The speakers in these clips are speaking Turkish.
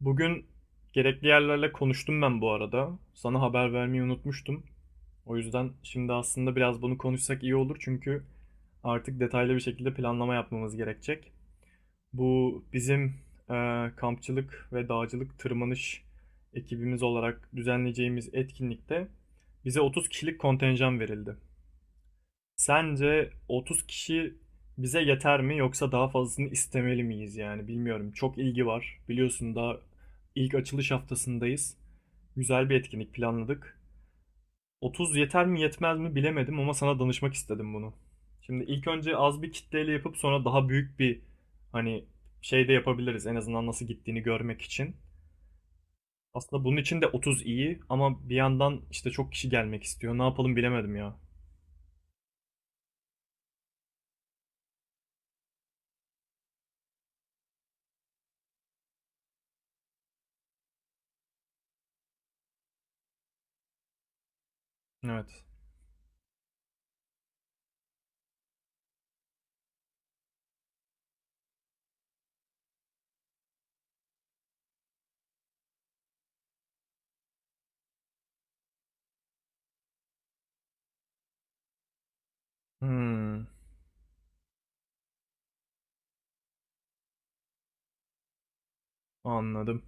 Bugün gerekli yerlerle konuştum ben bu arada. Sana haber vermeyi unutmuştum. O yüzden şimdi aslında biraz bunu konuşsak iyi olur çünkü artık detaylı bir şekilde planlama yapmamız gerekecek. Bu bizim kampçılık ve dağcılık tırmanış ekibimiz olarak düzenleyeceğimiz etkinlikte bize 30 kişilik kontenjan verildi. Sence 30 kişi bize yeter mi yoksa daha fazlasını istemeli miyiz yani bilmiyorum. Çok ilgi var. Biliyorsun daha ilk açılış haftasındayız. Güzel bir etkinlik planladık. 30 yeter mi yetmez mi bilemedim ama sana danışmak istedim bunu. Şimdi ilk önce az bir kitleyle yapıp sonra daha büyük bir hani şey de yapabiliriz en azından nasıl gittiğini görmek için. Aslında bunun için de 30 iyi ama bir yandan işte çok kişi gelmek istiyor. Ne yapalım bilemedim ya. Evet. Hmm, anladım.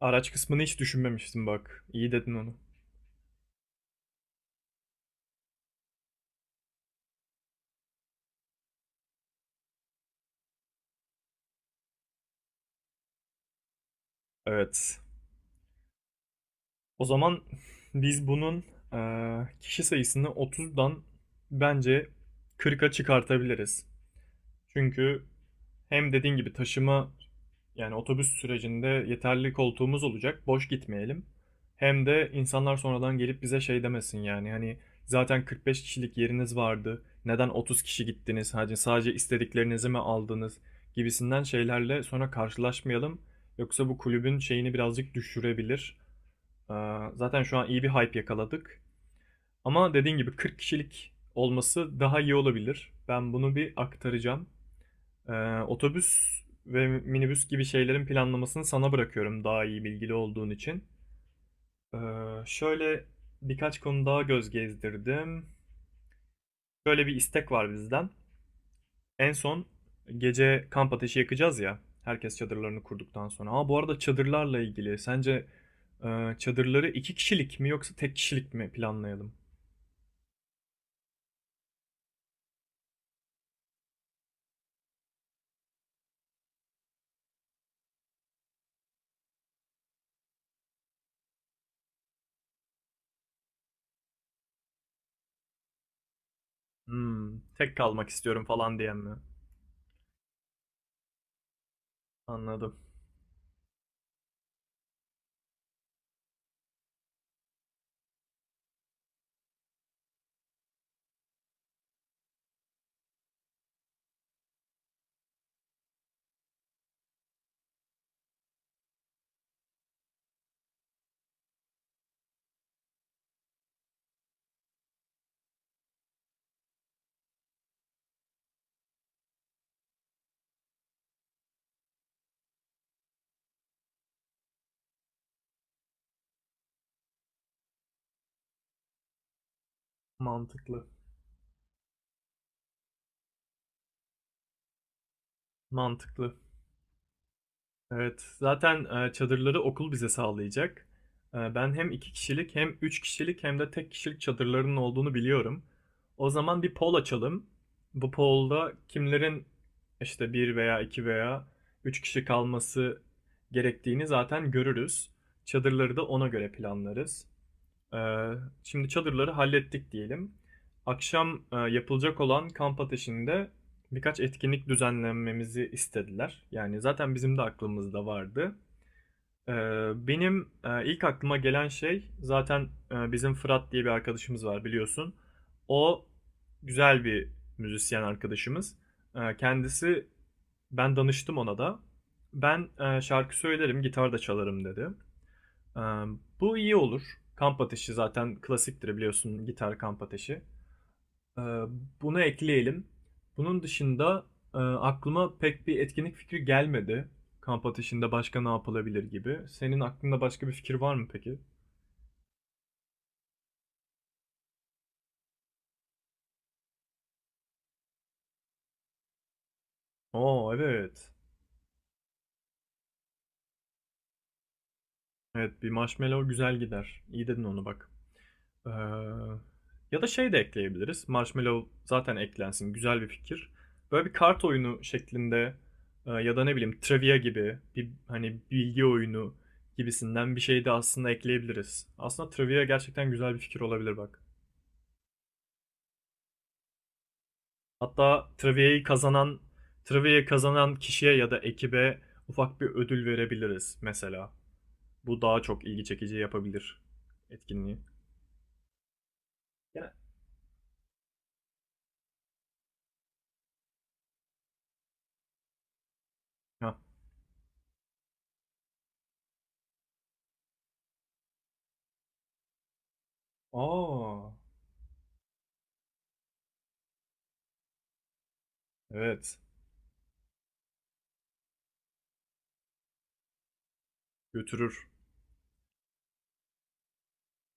Araç kısmını hiç düşünmemiştim bak. İyi dedin onu. Evet. O zaman biz bunun kişi sayısını 30'dan bence 40'a çıkartabiliriz. Çünkü hem dediğin gibi taşıma, yani otobüs sürecinde yeterli koltuğumuz olacak, boş gitmeyelim. Hem de insanlar sonradan gelip bize şey demesin yani hani zaten 45 kişilik yeriniz vardı. Neden 30 kişi gittiniz? Hani sadece istediklerinizi mi aldınız? Gibisinden şeylerle sonra karşılaşmayalım. Yoksa bu kulübün şeyini birazcık düşürebilir. Ee, Zaten şu an iyi bir hype yakaladık. Ama dediğin gibi 40 kişilik olması daha iyi olabilir. Ben bunu bir aktaracağım. Ee, Otobüs ve minibüs gibi şeylerin planlamasını sana bırakıyorum daha iyi bilgili olduğun için. Ee, Şöyle birkaç konu daha göz gezdirdim. Şöyle bir istek var bizden. En son gece kamp ateşi yakacağız ya. Herkes çadırlarını kurduktan sonra. Ha bu arada çadırlarla ilgili sence çadırları iki kişilik mi yoksa tek kişilik mi planlayalım? Hmm, tek kalmak istiyorum falan diyen mi? Anladım. Mantıklı. Mantıklı. Evet, zaten çadırları okul bize sağlayacak. E, ben hem iki kişilik hem üç kişilik hem de tek kişilik çadırlarının olduğunu biliyorum. O zaman bir poll açalım. Bu poll'da kimlerin işte bir veya iki veya üç kişi kalması gerektiğini zaten görürüz. Çadırları da ona göre planlarız. Ee, Şimdi çadırları hallettik diyelim. Akşam yapılacak olan kamp ateşinde birkaç etkinlik düzenlememizi istediler. Yani zaten bizim de aklımızda vardı. Ee, Benim ilk aklıma gelen şey zaten bizim Fırat diye bir arkadaşımız var biliyorsun. O güzel bir müzisyen arkadaşımız. Kendisi, ben danıştım ona da. Ben şarkı söylerim, gitar da çalarım dedi. Ee, Bu iyi olur. Kamp ateşi zaten klasiktir biliyorsun, gitar kamp ateşi. Ee, Bunu ekleyelim. Bunun dışında aklıma pek bir etkinlik fikri gelmedi. Kamp ateşinde başka ne yapılabilir gibi. Senin aklında başka bir fikir var mı peki? Oo, evet. Evet, bir marshmallow güzel gider. İyi dedin onu bak. Eee, Ya da şey de ekleyebiliriz. Marshmallow zaten eklensin. Güzel bir fikir. Böyle bir kart oyunu şeklinde ya da ne bileyim trivia gibi bir hani bilgi oyunu gibisinden bir şey de aslında ekleyebiliriz. Aslında trivia gerçekten güzel bir fikir olabilir bak. Hatta trivia'yı kazanan kişiye ya da ekibe ufak bir ödül verebiliriz mesela. Bu daha çok ilgi çekici yapabilir etkinliği. Gene- Ha. Aa, evet, götürür.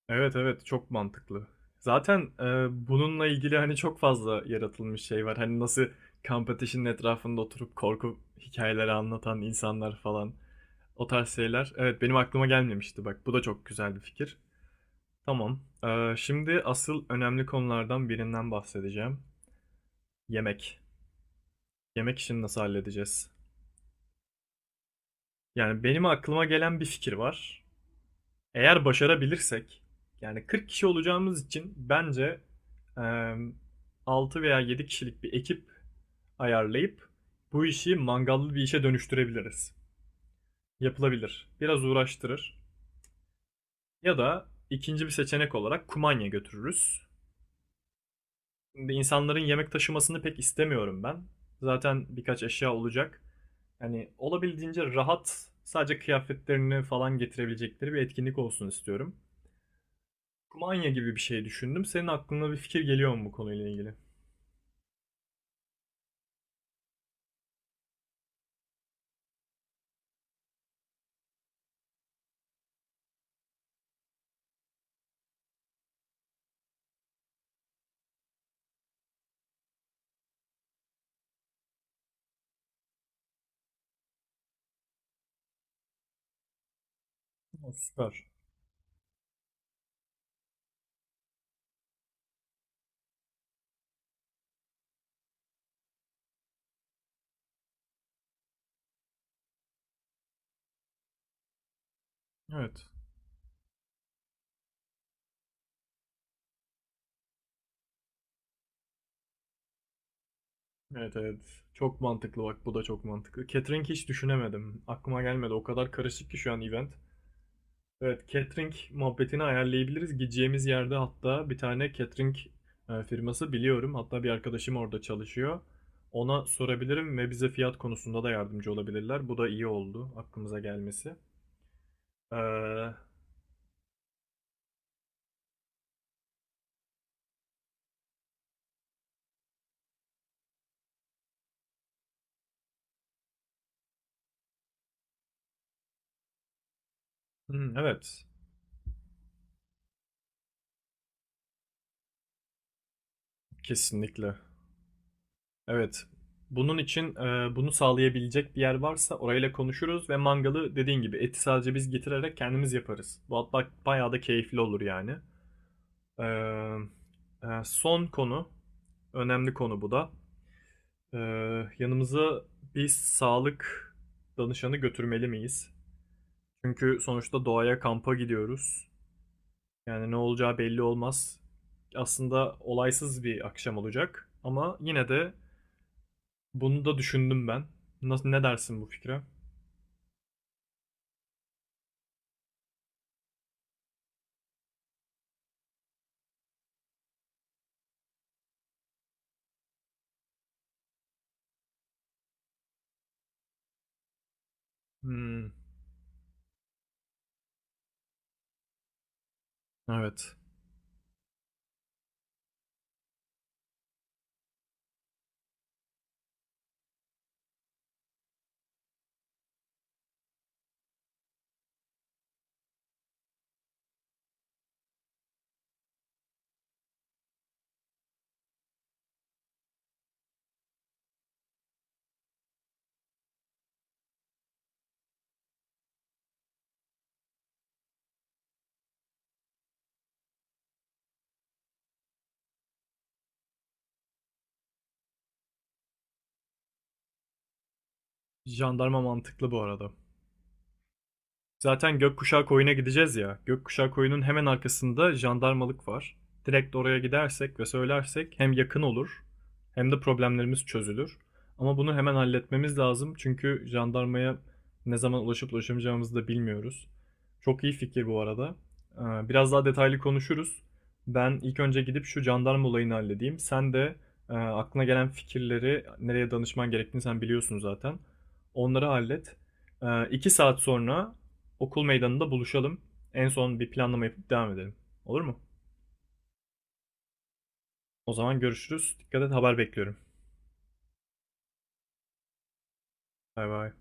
Evet, evet, çok mantıklı. Zaten, bununla ilgili, hani, çok fazla yaratılmış şey var. Hani, nasıl kamp ateşinin etrafında oturup korku hikayeleri anlatan insanlar falan, o tarz şeyler. Evet, benim aklıma gelmemişti bak. Bu da çok güzel bir fikir. Tamam. Şimdi asıl önemli konulardan birinden bahsedeceğim. Yemek. Yemek işini nasıl halledeceğiz? Yani, benim aklıma gelen bir fikir var. Eğer başarabilirsek, yani 40 kişi olacağımız için bence eee 6 veya 7 kişilik bir ekip ayarlayıp bu işi mangallı bir işe dönüştürebiliriz. Yapılabilir. Biraz uğraştırır. Ya da ikinci bir seçenek olarak kumanya götürürüz. Şimdi insanların yemek taşımasını pek istemiyorum ben. Zaten birkaç eşya olacak. Yani olabildiğince rahat, sadece kıyafetlerini falan getirebilecekleri bir etkinlik olsun istiyorum. Kumanya gibi bir şey düşündüm. Senin aklına bir fikir geliyor mu bu konuyla ilgili? O süper. Evet. Evet, evet. Çok mantıklı bak, bu da çok mantıklı. Catering hiç düşünemedim. Aklıma gelmedi. O kadar karışık ki şu an event. Evet, catering muhabbetini ayarlayabiliriz. Gideceğimiz yerde hatta bir tane catering firması biliyorum. Hatta bir arkadaşım orada çalışıyor. Ona sorabilirim ve bize fiyat konusunda da yardımcı olabilirler. Bu da iyi oldu aklımıza gelmesi. Ee, Hımm, evet. Kesinlikle. Evet. Bunun için, bunu sağlayabilecek bir yer varsa orayla konuşuruz ve mangalı dediğin gibi eti sadece biz getirerek kendimiz yaparız. Bu hatta bayağı da keyifli olur yani. Emm, son konu, önemli konu bu da. Yanımıza bir sağlık danışanı götürmeli miyiz? Çünkü sonuçta doğaya kampa gidiyoruz. Yani ne olacağı belli olmaz. Aslında olaysız bir akşam olacak ama yine de bunu da düşündüm ben. Nasıl, ne dersin bu fikre? Hmm, evet. Jandarma mantıklı bu arada. Zaten Gökkuşağı Koyu'na gideceğiz ya. Gökkuşağı Koyu'nun hemen arkasında jandarmalık var. Direkt oraya gidersek ve söylersek hem yakın olur hem de problemlerimiz çözülür. Ama bunu hemen halletmemiz lazım çünkü jandarmaya ne zaman ulaşıp ulaşamayacağımızı da bilmiyoruz. Çok iyi fikir bu arada. Biraz daha detaylı konuşuruz. Ben ilk önce gidip şu jandarma olayını halledeyim. Sen de aklına gelen fikirleri nereye danışman gerektiğini sen biliyorsun zaten. Onları hallet. İki saat sonra okul meydanında buluşalım. En son bir planlama yapıp devam edelim. Olur mu? O zaman görüşürüz. Dikkat et, haber bekliyorum. Bay bay.